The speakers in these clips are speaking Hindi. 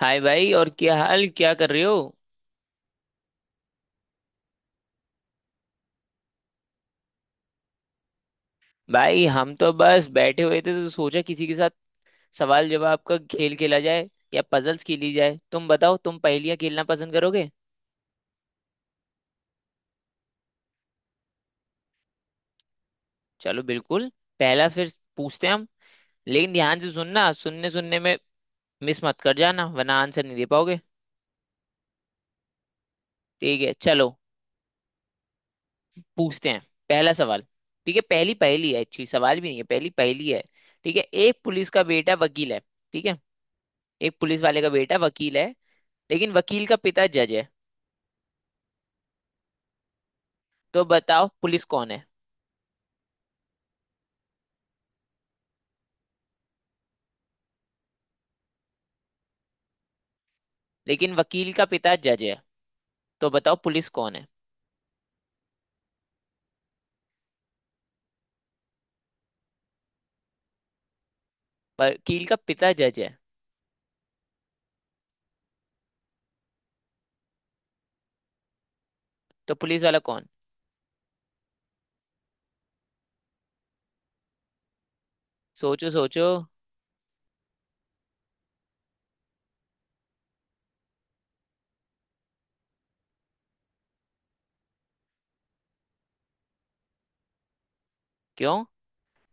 हाय भाई, और क्या हाल? क्या कर रहे हो? भाई हम तो बस बैठे हुए थे तो सोचा किसी के साथ सवाल जवाब का खेल खेला जाए या पजल्स खेली जाए। तुम बताओ, तुम पहेलियां खेलना पसंद करोगे? चलो बिल्कुल। पहला फिर पूछते हैं हम। लेकिन ध्यान से सुनना, सुनने सुनने में मिस मत कर जाना वरना आंसर नहीं दे पाओगे। ठीक है चलो। पूछते हैं पहला सवाल। ठीक है, पहली पहेली है, अच्छी सवाल भी नहीं है, पहली पहेली है। ठीक है, एक पुलिस का बेटा वकील है। ठीक है, एक पुलिस वाले का बेटा वकील है लेकिन वकील का पिता जज है। तो बताओ पुलिस कौन है? लेकिन वकील का पिता जज है, तो बताओ पुलिस कौन है? वकील का पिता जज है, तो पुलिस वाला कौन? सोचो सोचो। क्यों?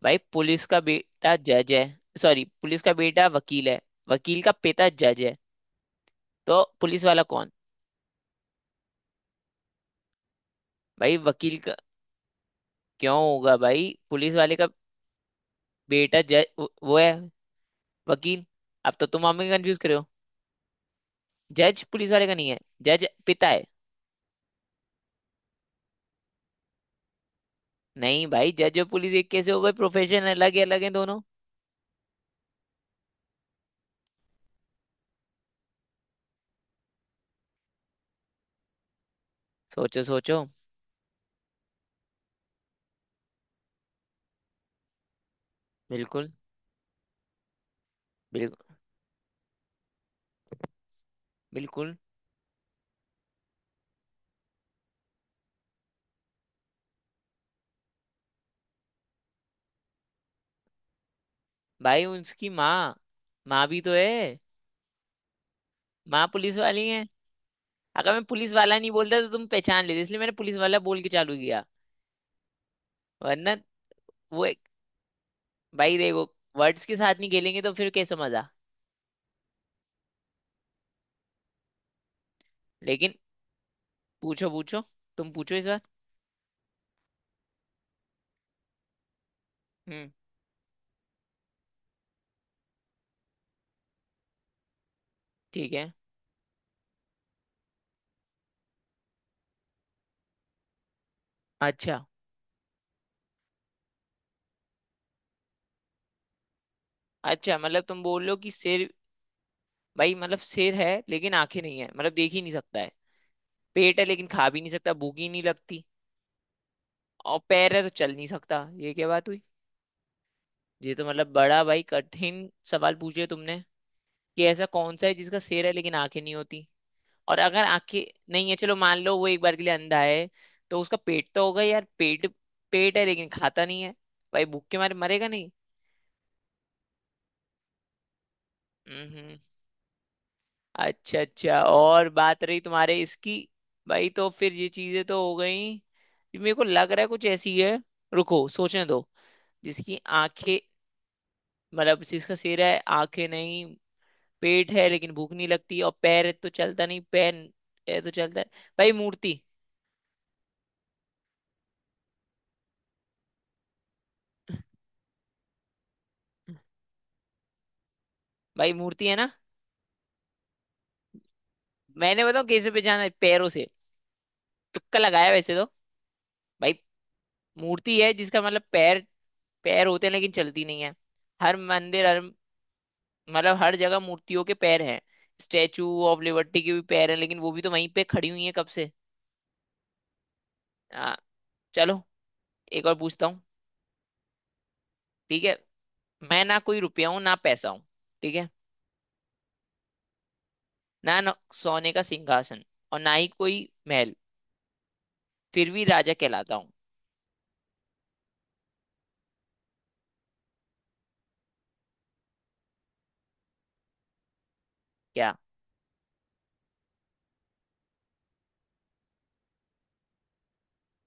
भाई पुलिस का बेटा जज है, सॉरी, पुलिस का बेटा वकील है, वकील का पिता जज है, तो पुलिस वाला कौन? भाई वकील का क्यों होगा? भाई पुलिस वाले का बेटा जज, वो है वकील। अब तो तुम हमें कंफ्यूज कर रहे हो। जज पुलिस वाले का नहीं है, जज पिता है। नहीं भाई, जज और पुलिस एक कैसे हो गए? प्रोफेशन अलग है, अलग है दोनों। सोचो सोचो। बिल्कुल बिल्कुल बिल्कुल। भाई उसकी माँ, माँ भी तो है। माँ पुलिस वाली है। अगर मैं पुलिस वाला नहीं बोलता तो तुम पहचान लेते, इसलिए मैंने पुलिस वाला बोल के चालू किया, वरना। वो एक, भाई देखो, वर्ड्स के साथ नहीं खेलेंगे तो फिर कैसे मजा? लेकिन पूछो पूछो, तुम पूछो इस बार। हम्म। ठीक है। अच्छा अच्छा, मतलब तुम बोल लो कि सिर। भाई मतलब सिर है लेकिन आंखें नहीं है मतलब देख ही नहीं सकता है। पेट है लेकिन खा भी नहीं सकता, भूख ही नहीं लगती। और पैर है तो चल नहीं सकता, ये क्या बात हुई? ये तो मतलब बड़ा भाई कठिन सवाल पूछ लिया तुमने, कि ऐसा कौन सा है जिसका सिर है लेकिन आंखें नहीं होती। और अगर आंखें नहीं है, चलो मान लो वो एक बार के लिए अंधा है, तो उसका पेट तो होगा यार, पेट। पेट है लेकिन खाता नहीं है, भाई भूख के मारे मरेगा नहीं? हम्म। अच्छा अच्छा, और बात रही तुम्हारे इसकी। भाई तो फिर ये चीजें तो हो गई, ये मेरे को लग रहा है कुछ ऐसी है। रुको सोचने दो। जिसकी आंखें, मतलब जिसका सिर है आंखें नहीं, पेट है लेकिन भूख नहीं लगती, और पैर है तो चलता नहीं, पैर है तो चलता है। भाई मूर्ति। भाई मूर्ति है ना। मैंने बताऊं कैसे पहचाना है? पैरों से, तुक्का लगाया वैसे तो। भाई मूर्ति है जिसका मतलब पैर, पैर होते हैं लेकिन चलती नहीं है। हर मंदिर, हर, मतलब हर जगह मूर्तियों के पैर हैं। स्टैचू ऑफ लिबर्टी के भी पैर हैं लेकिन वो भी तो वहीं पे खड़ी हुई है कब से। आ, चलो एक और पूछता हूँ। ठीक है। मैं ना कोई रुपया हूँ ना पैसा हूँ। ठीक है। ना सोने का सिंहासन और ना ही कोई महल, फिर भी राजा कहलाता हूँ। क्या?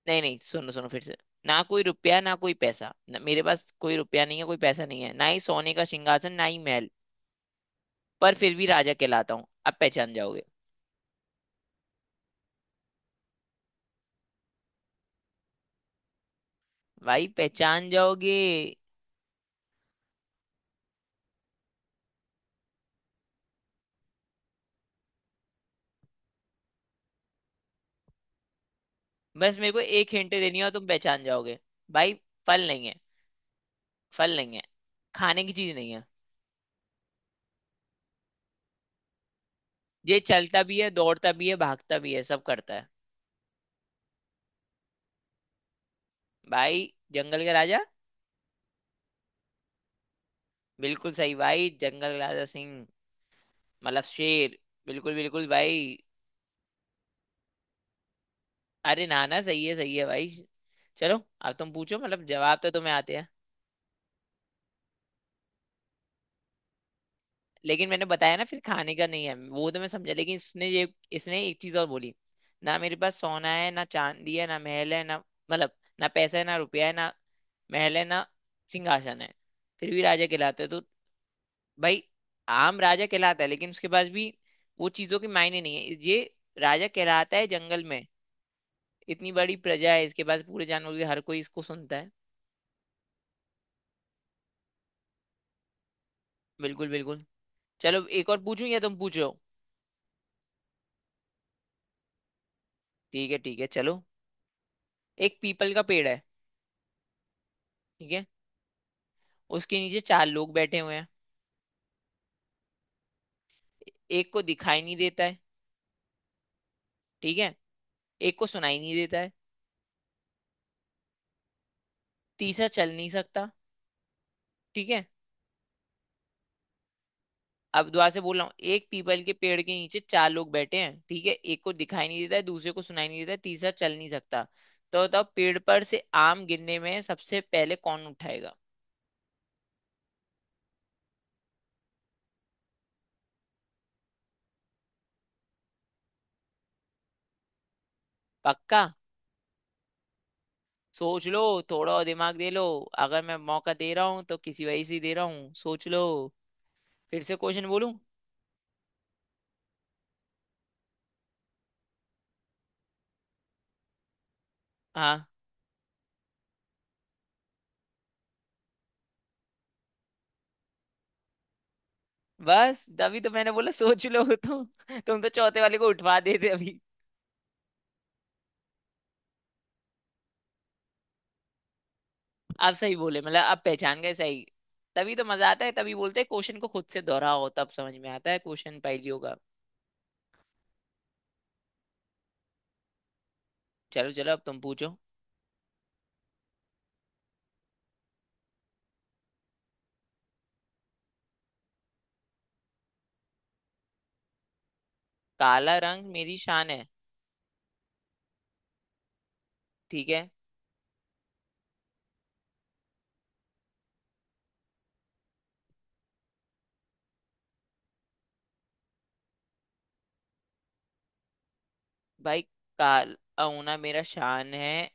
नहीं नहीं, सुनो सुनो फिर से। ना कोई रुपया ना कोई पैसा, न, मेरे पास कोई रुपया नहीं है कोई पैसा नहीं है, ना ही सोने का सिंहासन ना ही महल। पर फिर भी राजा कहलाता हूँ, अब पहचान जाओगे? भाई पहचान जाओगे। बस मेरे को एक हिंट देनी है और तुम पहचान जाओगे। भाई फल नहीं है, फल नहीं है, खाने की चीज नहीं है। ये चलता भी है दौड़ता भी है भागता भी है, सब करता है। भाई जंगल का राजा। बिल्कुल सही भाई, जंगल राजा सिंह, मतलब शेर। बिल्कुल बिल्कुल भाई। अरे नाना, सही है भाई। चलो अब तुम पूछो, मतलब जवाब तो तुम्हें आते हैं। लेकिन मैंने बताया ना, फिर खाने का नहीं है, वो तो मैं समझा लेकिन इसने ये, इसने एक चीज और बोली। ना मेरे पास सोना है ना चांदी है ना महल है ना, मतलब, ना पैसा है ना रुपया है ना महल है ना सिंहासन है, फिर भी राजा कहलाता है तो। भाई आम राजा कहलाता है लेकिन उसके पास भी, वो चीजों के मायने नहीं है। ये राजा कहलाता है जंगल में, इतनी बड़ी प्रजा है इसके पास, पूरे जानवर के हर कोई इसको सुनता है। बिल्कुल बिल्कुल। चलो एक और पूछूं या तुम पूछो? ठीक है ठीक है, चलो। एक पीपल का पेड़ है। ठीक है। उसके नीचे चार लोग बैठे हुए हैं। एक को दिखाई नहीं देता है, ठीक है, एक को सुनाई नहीं देता है, तीसरा चल नहीं सकता। ठीक है। अब दोबारा से बोल रहा हूँ, एक पीपल के पेड़ के नीचे चार लोग बैठे हैं, ठीक है, एक को दिखाई नहीं देता है, दूसरे को सुनाई नहीं देता है, तीसरा चल नहीं सकता। तो बताओ पेड़ पर से आम गिरने में सबसे पहले कौन उठाएगा? पक्का? सोच लो, थोड़ा और दिमाग दे लो। अगर मैं मौका दे रहा हूँ तो किसी वजह से ही दे रहा हूँ, सोच लो। फिर से क्वेश्चन बोलूं? हाँ। बस तभी तो मैंने बोला सोच लो। तुम तो चौथे वाले को उठवा देते अभी। आप सही बोले, मतलब आप पहचान गए सही। तभी तो मजा आता है, तभी बोलते हैं क्वेश्चन को खुद से दोहराओ तब समझ में आता है क्वेश्चन पहेलियों का। चलो चलो, अब तुम पूछो। काला रंग मेरी शान है। ठीक है। भाई काला होना मेरा शान है,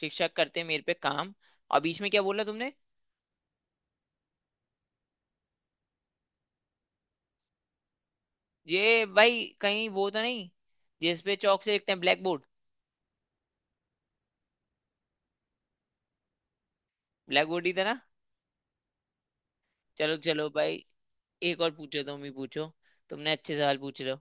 शिक्षक करते मेरे पे काम, और बीच में क्या बोला तुमने? ये भाई कहीं वो तो नहीं जिसपे चौक से लिखते हैं, ब्लैक बोर्ड? ब्लैक बोर्ड ही था ना? चलो चलो भाई, एक और पूछो, तुम ही पूछो, तुमने अच्छे सवाल पूछ रहे हो।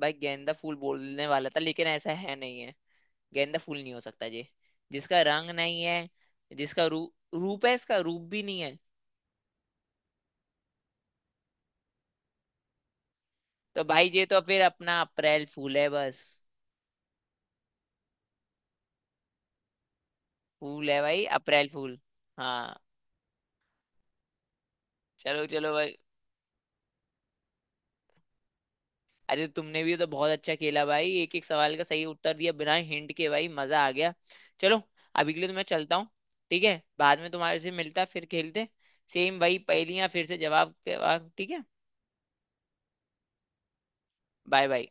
भाई गेंदा फूल बोलने वाला था लेकिन ऐसा है नहीं है। गेंदा फूल नहीं हो सकता ये। जिसका रंग नहीं है, जिसका रूप है, इसका रूप भी नहीं है। तो भाई ये तो फिर अपना अप्रैल फूल है बस। फूल है भाई, अप्रैल फूल। हाँ। चलो चलो भाई, अरे तुमने भी तो बहुत अच्छा खेला भाई, एक एक सवाल का सही उत्तर दिया बिना हिंट के, भाई मजा आ गया। चलो, अभी के लिए तो मैं चलता हूँ। ठीक है, बाद में तुम्हारे से मिलता फिर खेलते, सेम वही पहेलियां फिर से जवाब के बाद, ठीक है। Bye bye.